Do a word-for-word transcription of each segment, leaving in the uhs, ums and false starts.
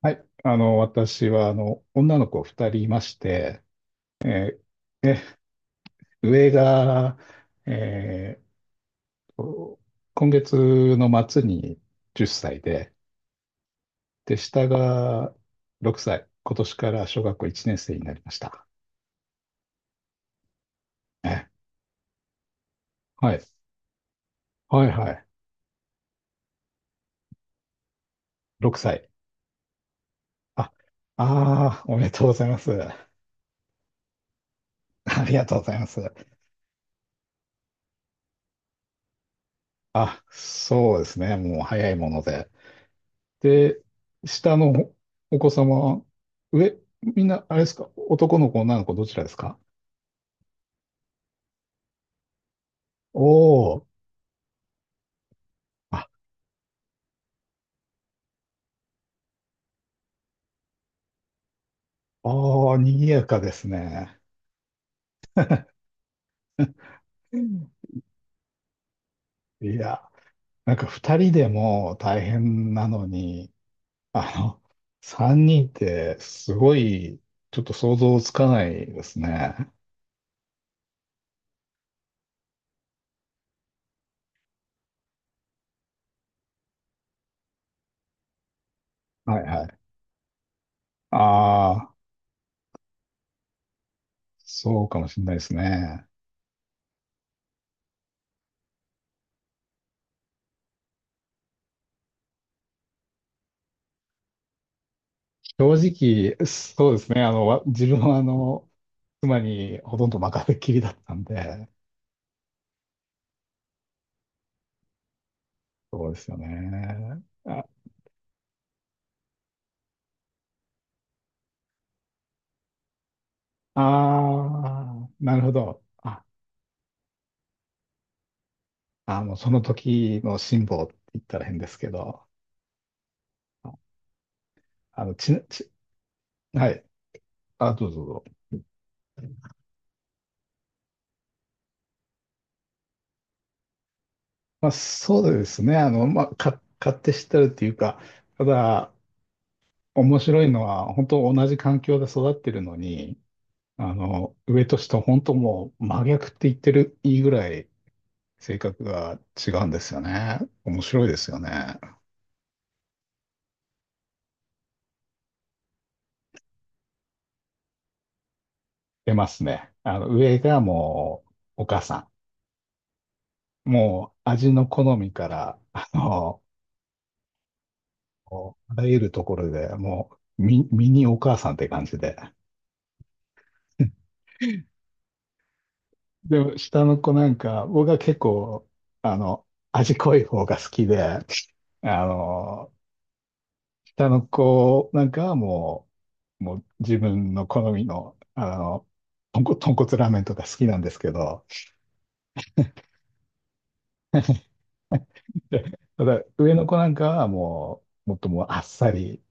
はい。あの、私は、あの、女の子二人いまして、えー上が、えーと今月の末にじゅっさいで、で、下がろくさい。今年から小学校いちねん生になりました。ね。はい。はいはい。ろくさい。あ、ああ、おめでとうございます。ありがとうございます。あ、そうですね。もう早いもので。で、下のお子様は、上、みんな、あれですか、男の子、女の子、どちらですか？おー、あ、おー、賑やかですね。うん。いや、なんか二人でも大変なのに、あの、三人ってすごい、ちょっと想像つかないですね。はいはい。ああ、そうかもしれないですね。正直、そうですね。あの、わ自分はあの、妻にほとんど任せっきりだったんで、そうですよね。あ、あー、なるほど。あ、あの、その時の辛抱って言ったら変ですけど、ああの、ち、ち、はい。あ、どうぞどうぞ。まあ、そうですね。あの、まあ、か、勝手知ってるっていうか、ただ、面白いのは、本当同じ環境で育ってるのに、あの、上と下、本当もう真逆って言ってるいいぐらい性格が違うんですよね。面白いですよね。出ますね。あの、上がもう、お母さん。もう、味の好みから、あの、あらゆるところで、もう、ミ、ミニお母さんって感じで。でも、下の子なんか、僕は結構、あの、味濃い方が好きで、あの、下の子なんかはもう、もう自分の好みの、あの、豚骨、豚骨ラーメンとか好きなんですけど、でただ、上の子なんかはもう、もっともうあっさり、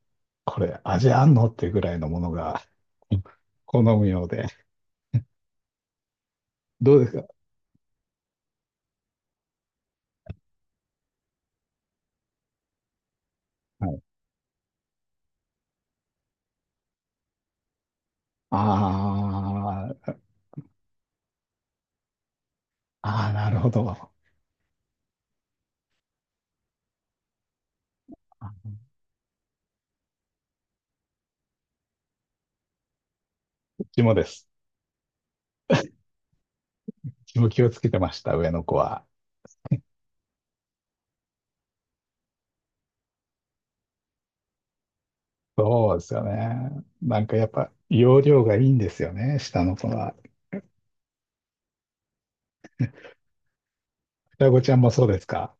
これ味あんのっていうぐらいのものが 好むようで。どうですか？はい。あー、あー、なるほど。あうちもです。うちも気をつけてました、上の子は。そうですよね。なんかやっぱ容量がいいんですよね、下の子は。双子ちゃんもそうですか？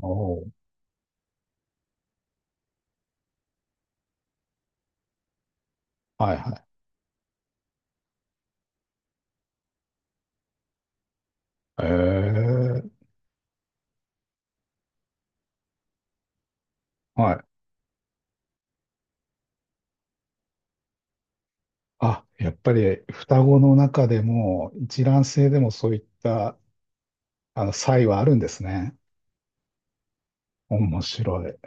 おおー。はいはい。えー、はい。あ、やっぱり双子の中でも一卵性でもそういったあの差異はあるんですね。面白い。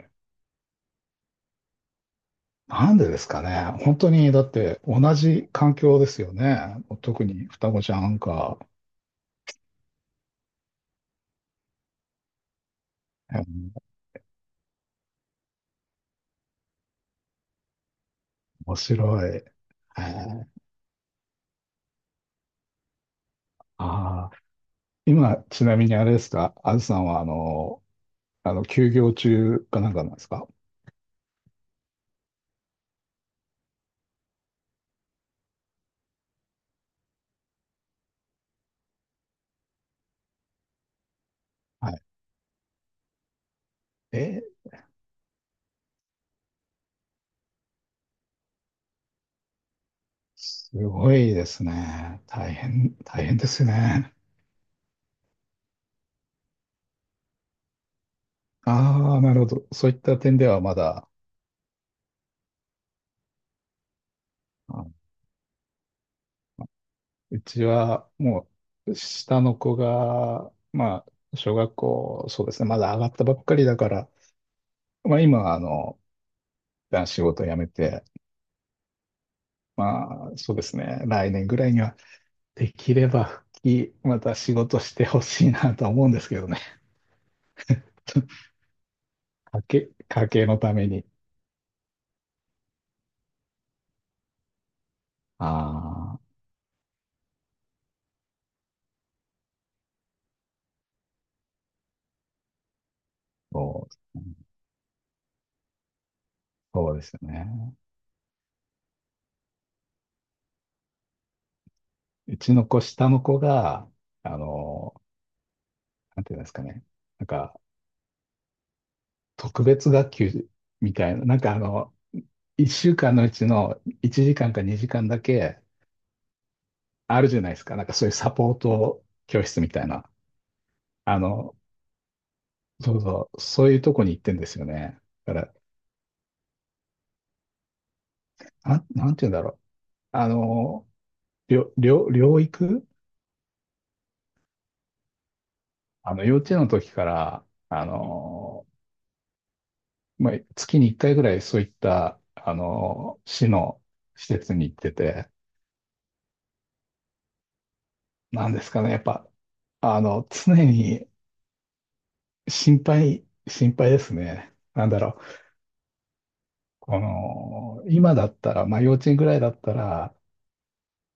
なんでですかね。本当に、だって同じ環境ですよね。特に双子ちゃんか。うん。面白い。えーあー今、ちなみにあれですか、あずさんは、あの、あの、休業中かなんかなんですか？はい。えー、すごいですね。大変、大変ですね。ああ、なるほど。そういった点ではまだ、うちはもう下の子が、まあ、小学校、そうですね、まだ上がったばっかりだから、まあ今、あの、一旦仕事を辞めて、まあそうですね、来年ぐらいにはできれば復帰、また仕事してほしいなとは思うんですけどね。家計、家計のために。ああ、そうですね、そうですよね。うちの子、下の子が、あの、なんていうんですかね、なんか特別学級みたいな、なんかあの、いっしゅうかんのうちのいちじかんかにじかんだけあるじゃないですか。なんかそういうサポート教室みたいな。あの、そうそう、そういうとこに行ってんですよね。だから、なん、なんて言うんだろう。あの、りょ、りょ、療育。あの、幼稚園の時から、あの、まあ、月にいっかいぐらいそういった、あの、市の施設に行ってて、なんですかね、やっぱ、あの、常に心配、心配ですね。なんだろう。この、今だったら、まあ幼稚園ぐらいだったら、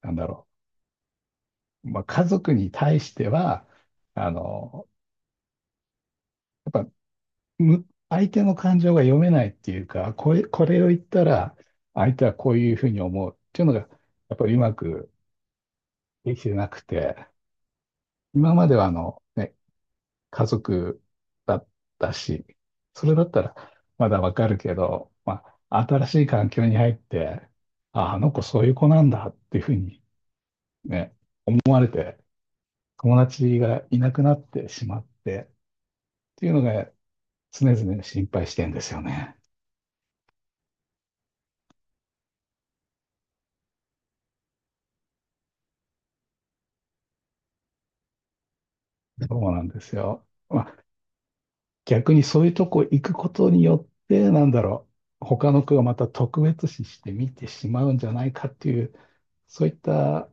なんだろう、まあ家族に対しては、あの、やっぱ、む、相手の感情が読めないっていうか、これ、これを言ったら、相手はこういうふうに思うっていうのが、やっぱりうまくできてなくて、今まではあの、ね、家族だったし、それだったらまだわかるけど、まあ、新しい環境に入って、あ、あの子そういう子なんだっていうふうにね、思われて、友達がいなくなってしまってっていうのが常々心配してんですよね。そうなんですよ。まあ、逆にそういうとこ行くことによって、なんだろう、他の子がまた特別視して見てしまうんじゃないかっていう、そういった、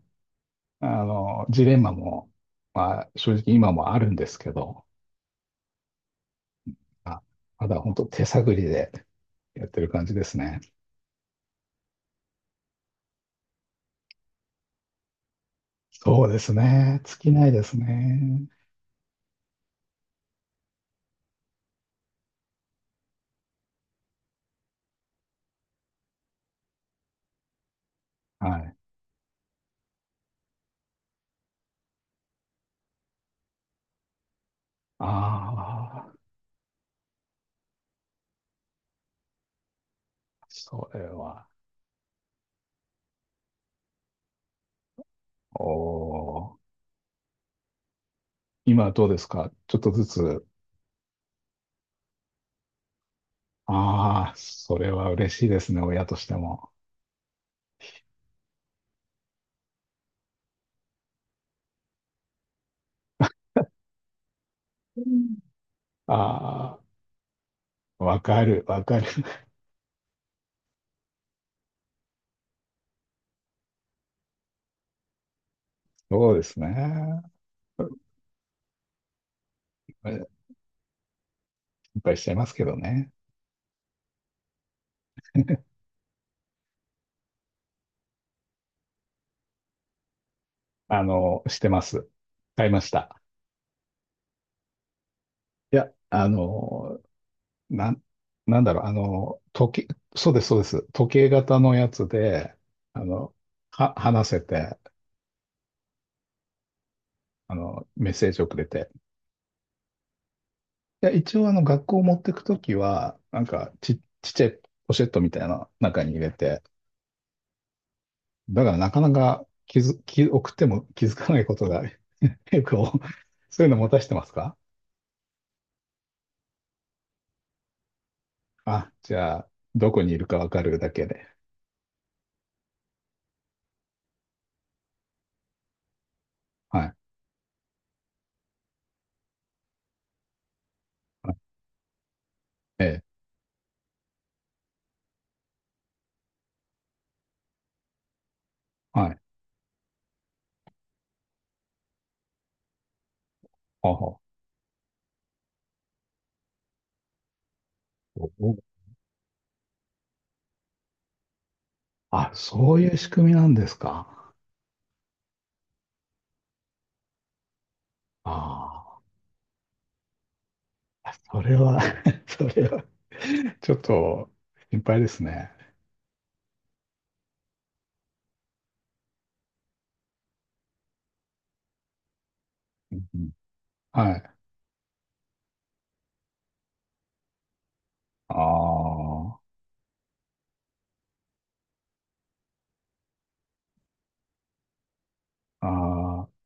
あの、ジレンマも、まあ、正直今もあるんですけど、まあまだ本当手探りでやってる感じですね。そうですね。尽きないですね。はい。ああ、それは。おー、今はどうですか？ちょっとずつ。ああ、それは嬉しいですね、親としても。うん。ああ、わかる、わかる。そうですね。心配しちゃいますけどね。あの、してます。買いました。いや、あの、なん、なんだろう、あの、時計、そうです、そうです。時計型のやつで、あの、は、話せて、あの、メッセージをくれて、いや、一応あの学校持ってくときは、なんかち、ちっちゃいポシェットみたいな中に入れて、だからなかなか気づ、気、送っても気づかないことが 結構、そういうの持たしてますか？あ、じゃあ、どこにいるかわかるだけで。はい。はい。ええ、はい。あ、はおお、あ、そういう仕組みなんですか。ああ、それは それはちょっと心配ですね。うん。はい。ああ、ああ。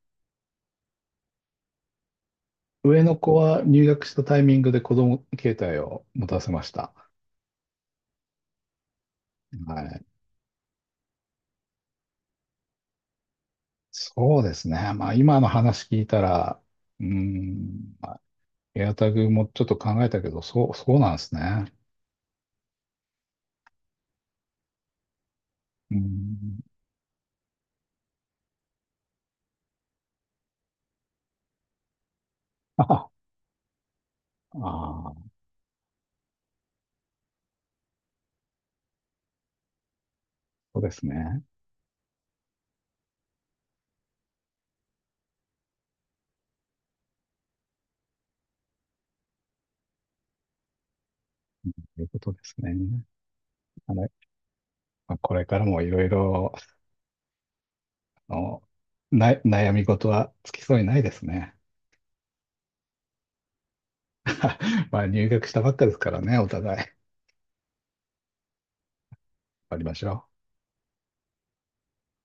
上の子は入学したタイミングで子供携帯を持たせました。はい。そうですね。まあ今の話聞いたら、うーん、エアタグもちょっと考えたけど、そう、そうなんですね。うーん。ああー、そうですね。ということですね。あれ、まあ、これからもいろいろ、あの、な、悩み事は尽きそうにないですね。まあ入学したばっかですからね、お互い。頑張りましょう。